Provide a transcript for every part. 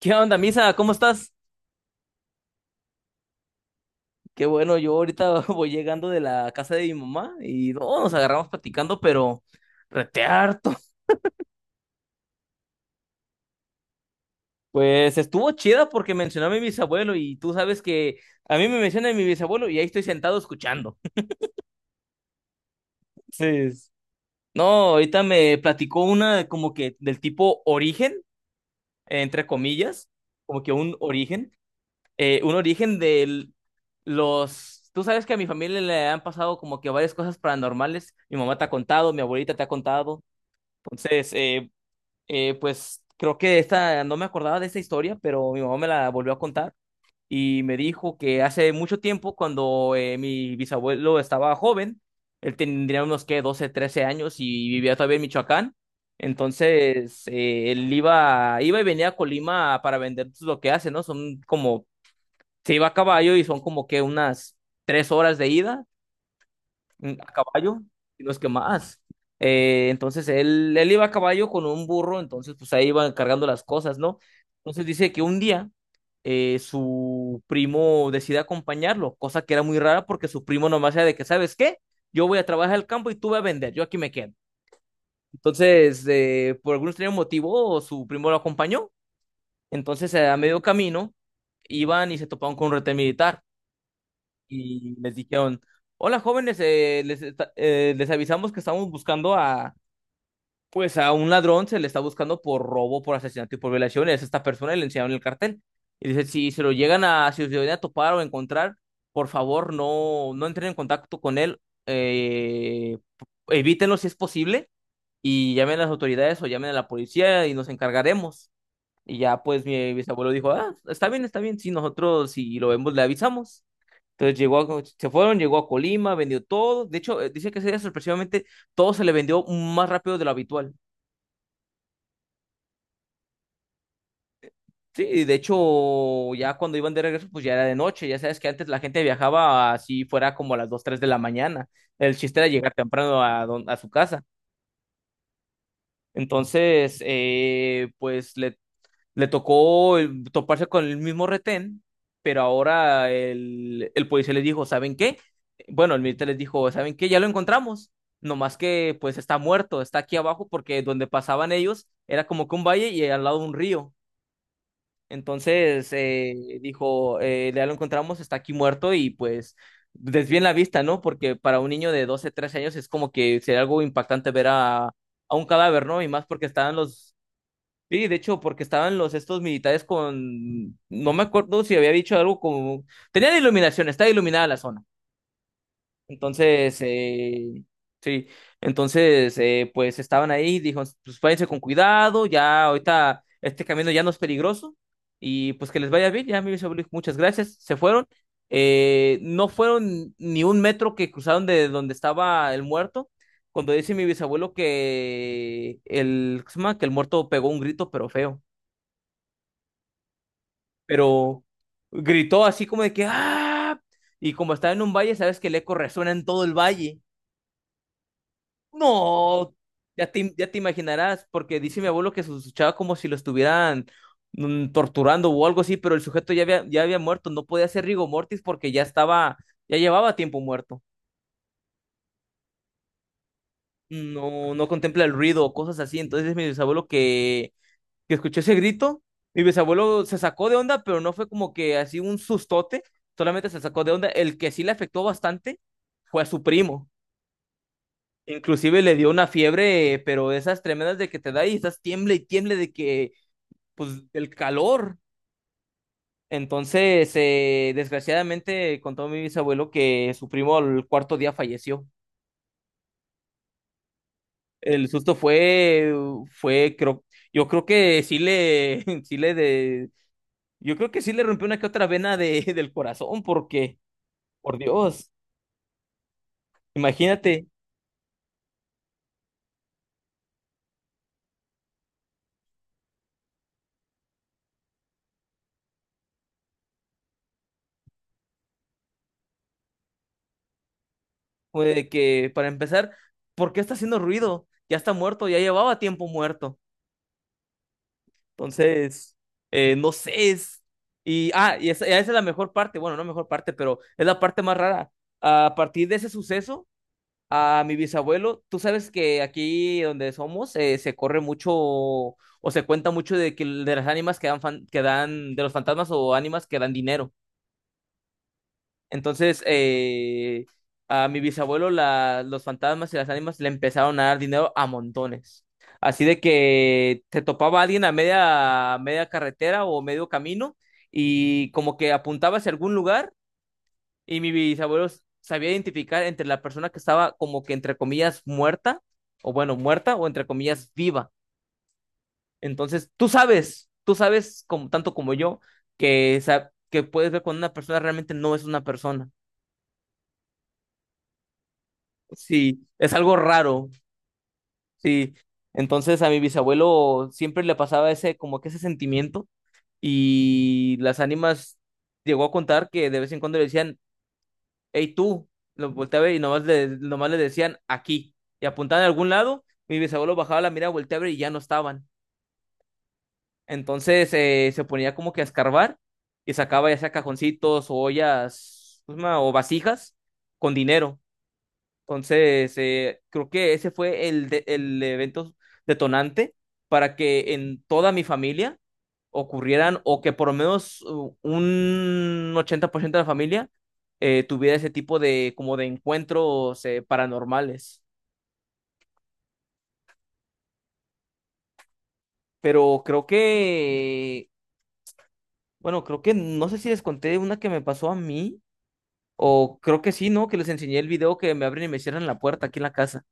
¿Qué onda, Misa? ¿Cómo estás? Qué bueno, yo ahorita voy llegando de la casa de mi mamá y no, nos agarramos platicando, pero rete harto. Pues estuvo chida porque mencionó a mi bisabuelo y tú sabes que a mí me mencionan mi bisabuelo y ahí estoy sentado escuchando. Sí. No, ahorita me platicó una como que del tipo origen, entre comillas, como que un origen. Un origen de los. Tú sabes que a mi familia le han pasado como que varias cosas paranormales. Mi mamá te ha contado, mi abuelita te ha contado. Entonces, pues creo que esta, no me acordaba de esta historia, pero mi mamá me la volvió a contar y me dijo que hace mucho tiempo, cuando mi bisabuelo estaba joven, él tendría unos que 12 13 años y vivía todavía en Michoacán. Entonces, él iba y venía a Colima para vender pues, lo que hace, ¿no? Son como se iba a caballo y son como que unas 3 horas de ida, a caballo, y no es que más. Entonces él iba a caballo con un burro, entonces pues ahí iban cargando las cosas, ¿no? Entonces dice que un día su primo decide acompañarlo, cosa que era muy rara porque su primo nomás era de que, ¿sabes qué? Yo voy a trabajar al campo y tú vas a vender, yo aquí me quedo. Entonces, por algún extraño motivo, su primo lo acompañó. Entonces, a medio camino, iban y se toparon con un retén militar. Y les dijeron, hola jóvenes, les avisamos que estamos buscando a, pues a un ladrón, se le está buscando por robo, por asesinato y por violación, es esta persona y le enseñaron el cartel. Y dice, si se lo llegan a, si se lo llegan a topar o encontrar, por favor no, no entren en contacto con él, evítenlo si es posible y llamen a las autoridades o llamen a la policía y nos encargaremos. Y ya pues mi bisabuelo dijo, ah, está bien, si nosotros si lo vemos le avisamos. Entonces se fueron, llegó a Colima, vendió todo. De hecho, dice que ese día sorpresivamente todo se le vendió más rápido de lo habitual. Sí, y de hecho, ya cuando iban de regreso, pues ya era de noche. Ya sabes que antes la gente viajaba así fuera como a las 2 3 de la mañana. El chiste era llegar temprano a, a su casa. Entonces, pues le tocó toparse con el mismo retén, pero ahora el policía les dijo, ¿saben qué? Bueno, el militar les dijo, ¿saben qué? Ya lo encontramos. No más que pues está muerto, está aquí abajo porque donde pasaban ellos era como que un valle y al lado un río. Entonces dijo, ya lo encontramos, está aquí muerto y pues desvíen la vista, ¿no? Porque para un niño de 12 13 años es como que sería algo impactante ver a un cadáver, ¿no? Y más porque estaban los. Sí, de hecho, porque estaban los estos militares con, no me acuerdo si había dicho algo como, tenían iluminación, estaba iluminada la zona. Entonces, eh, sí, entonces, pues estaban ahí, dijo, pues váyanse con cuidado, ya ahorita este camino ya no es peligroso y pues que les vaya bien, ya mi bisabuelo, muchas gracias, se fueron. No fueron ni un metro que cruzaron de donde estaba el muerto cuando dice mi bisabuelo que el, ¿cómo se llama?, que el muerto pegó un grito, pero feo. Pero gritó así como de que ¡ah! Y como estaba en un valle, sabes que el eco resuena en todo el valle. No, ya te imaginarás, porque dice mi abuelo que se escuchaba como si lo estuvieran, torturando o algo así, pero el sujeto ya había muerto, no podía ser rigor mortis porque ya estaba, ya llevaba tiempo muerto. No, no contempla el ruido o cosas así. Entonces mi bisabuelo que escuchó ese grito. Mi bisabuelo se sacó de onda, pero no fue como que así un sustote, solamente se sacó de onda. El que sí le afectó bastante fue a su primo. Inclusive le dio una fiebre, pero de esas tremendas de que te da y estás tiemble y tiemble de que, pues, del calor. Entonces, desgraciadamente contó mi bisabuelo que su primo al cuarto día falleció. El susto fue, creo, yo creo que sí le, sí le de- yo creo que sí le rompió una que otra vena de, del corazón, porque, por Dios, imagínate que para empezar, ¿por qué está haciendo ruido? Ya está muerto, ya llevaba tiempo muerto. Entonces, no sé, es. Y, ah, y esa es la mejor parte, bueno, no mejor parte, pero es la parte más rara. A partir de ese suceso, a mi bisabuelo, tú sabes que aquí donde somos se corre mucho o se cuenta mucho de que de las ánimas que dan, que dan, de los fantasmas o ánimas que dan dinero. Entonces, a mi bisabuelo los fantasmas y las ánimas le empezaron a dar dinero a montones. Así de que te topaba alguien a media carretera o medio camino y como que apuntaba hacia algún lugar y mi bisabuelo sabía identificar entre la persona que estaba como que entre comillas muerta o bueno, muerta o entre comillas viva. Entonces, tú sabes como, tanto como yo que, que puedes ver cuando una persona realmente no es una persona. Sí, es algo raro, sí. Entonces a mi bisabuelo siempre le pasaba ese, como que ese sentimiento y las ánimas llegó a contar que de vez en cuando le decían, hey tú, lo volteaba y nomás le decían aquí y apuntaban a algún lado, mi bisabuelo bajaba la mirada, volteaba y ya no estaban. Entonces se ponía como que a escarbar y sacaba ya sea cajoncitos o ollas, ¿cómo se llama?, o vasijas con dinero. Entonces, creo que ese fue el, el evento detonante para que en toda mi familia ocurrieran o que por lo menos un 80% de la familia tuviera ese tipo de como de encuentros paranormales. Pero creo que, bueno, creo que no sé si les conté una que me pasó a mí o creo que sí, ¿no? Que les enseñé el video que me abren y me cierran la puerta aquí en la casa.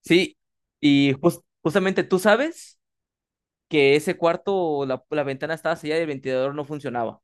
Sí, y justamente tú sabes que ese cuarto, la ventana estaba sellada y el ventilador no funcionaba.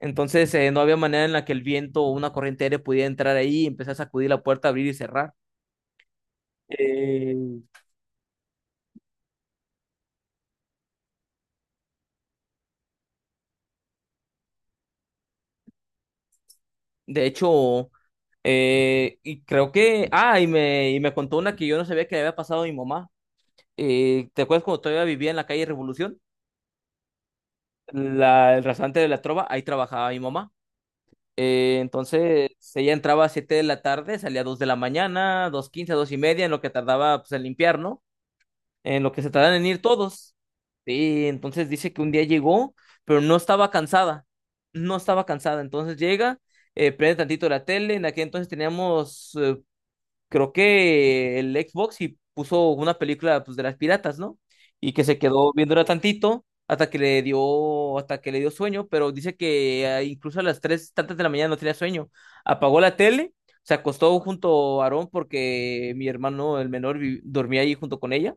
Entonces, no había manera en la que el viento o una corriente aérea pudiera entrar ahí y empezar a sacudir la puerta, abrir y cerrar. Eh, de hecho, y creo que, ah, y me contó una que yo no sabía que le había pasado a mi mamá. ¿Te acuerdas cuando todavía vivía en la calle Revolución? La, el restaurante de la Trova, ahí trabajaba mi mamá. Entonces, ella entraba a 7 de la tarde, salía a 2 de la mañana, 2:15, 2:30, en lo que tardaba pues, en limpiar, ¿no?, en lo que se tardan en ir todos. Sí, entonces dice que un día llegó, pero no estaba cansada, no estaba cansada. Entonces llega, prende tantito la tele, en aquel entonces teníamos, creo que el Xbox y puso una película pues, de las piratas, ¿no? Y que se quedó viéndola tantito hasta que le dio, hasta que le dio sueño, pero dice que incluso a las tres tantas de la mañana no tenía sueño. Apagó la tele, se acostó junto a Aarón porque mi hermano, el menor, dormía ahí junto con ella.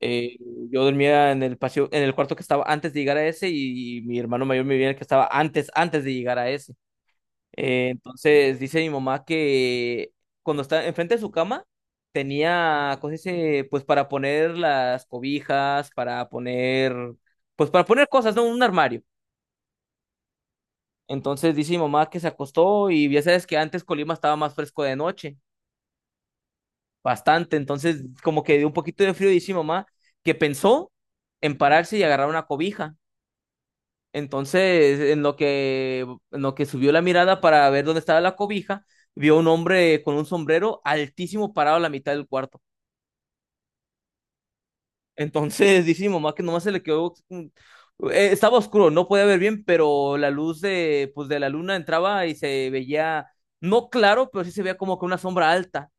Eh, yo dormía en el paseo, en el cuarto que estaba antes de llegar a ese y, mi hermano mayor vivía en el que estaba antes, antes de llegar a ese. Entonces dice mi mamá que cuando estaba enfrente de su cama tenía cosas, pues para poner las cobijas, para poner, pues para poner cosas, ¿no?, un armario. Entonces dice mi mamá que se acostó y ya sabes que antes Colima estaba más fresco de noche, bastante. Entonces como que dio un poquito de frío y dice mi mamá que pensó en pararse y agarrar una cobija. Entonces, en lo que subió la mirada para ver dónde estaba la cobija, vio un hombre con un sombrero altísimo parado a la mitad del cuarto. Entonces, dice mi mamá que nomás se le quedó. Estaba oscuro, no podía ver bien, pero la luz de, pues, de la luna entraba y se veía, no claro, pero sí se veía como que una sombra alta.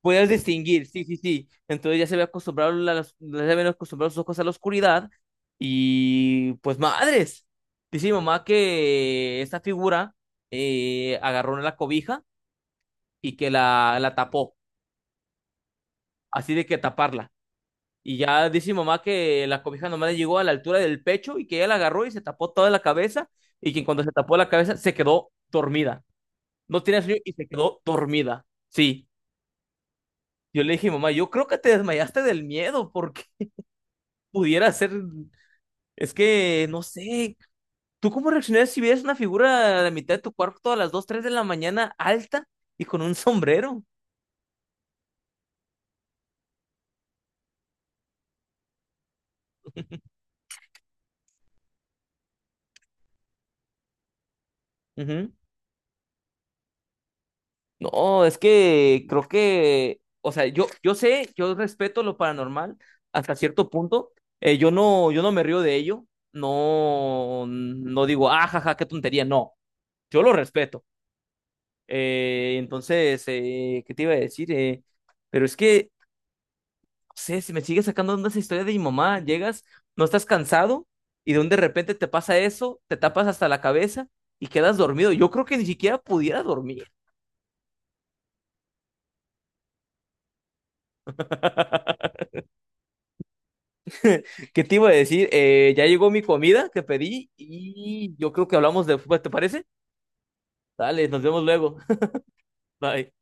Puedes distinguir, sí, sí, sí. Entonces ya se ve acostumbrado, ya se ven acostumbrados sus ojos a la oscuridad. Y pues madres. Dice mi mamá que esta figura agarró una la cobija y que la tapó. Así de que taparla. Y ya dice mi mamá que la cobija nomás le llegó a la altura del pecho y que ella la agarró y se tapó toda la cabeza. Y que cuando se tapó la cabeza se quedó dormida. No tiene sueño y se quedó dormida. Sí. Yo le dije, mamá, yo creo que te desmayaste del miedo, porque pudiera ser. Es que no sé. ¿Tú cómo reaccionarías si vieras una figura a la mitad de tu cuarto a las 2 3 de la mañana alta y con un sombrero? Ujú. No, es que creo que, o sea, yo sé, yo respeto lo paranormal hasta cierto punto. Yo no, yo no me río de ello. No, no digo, ah, jaja, qué tontería. No, yo lo respeto. ¿Qué te iba a decir? Pero es que sé, si me sigue sacando onda esa historia de mi mamá, llegas, no estás cansado y de un de repente te pasa eso, te tapas hasta la cabeza y quedas dormido. Yo creo que ni siquiera pudiera dormir. ¿Qué te iba a decir? Ya llegó mi comida que pedí y yo creo que hablamos después, ¿te parece? Dale, nos vemos luego. Bye.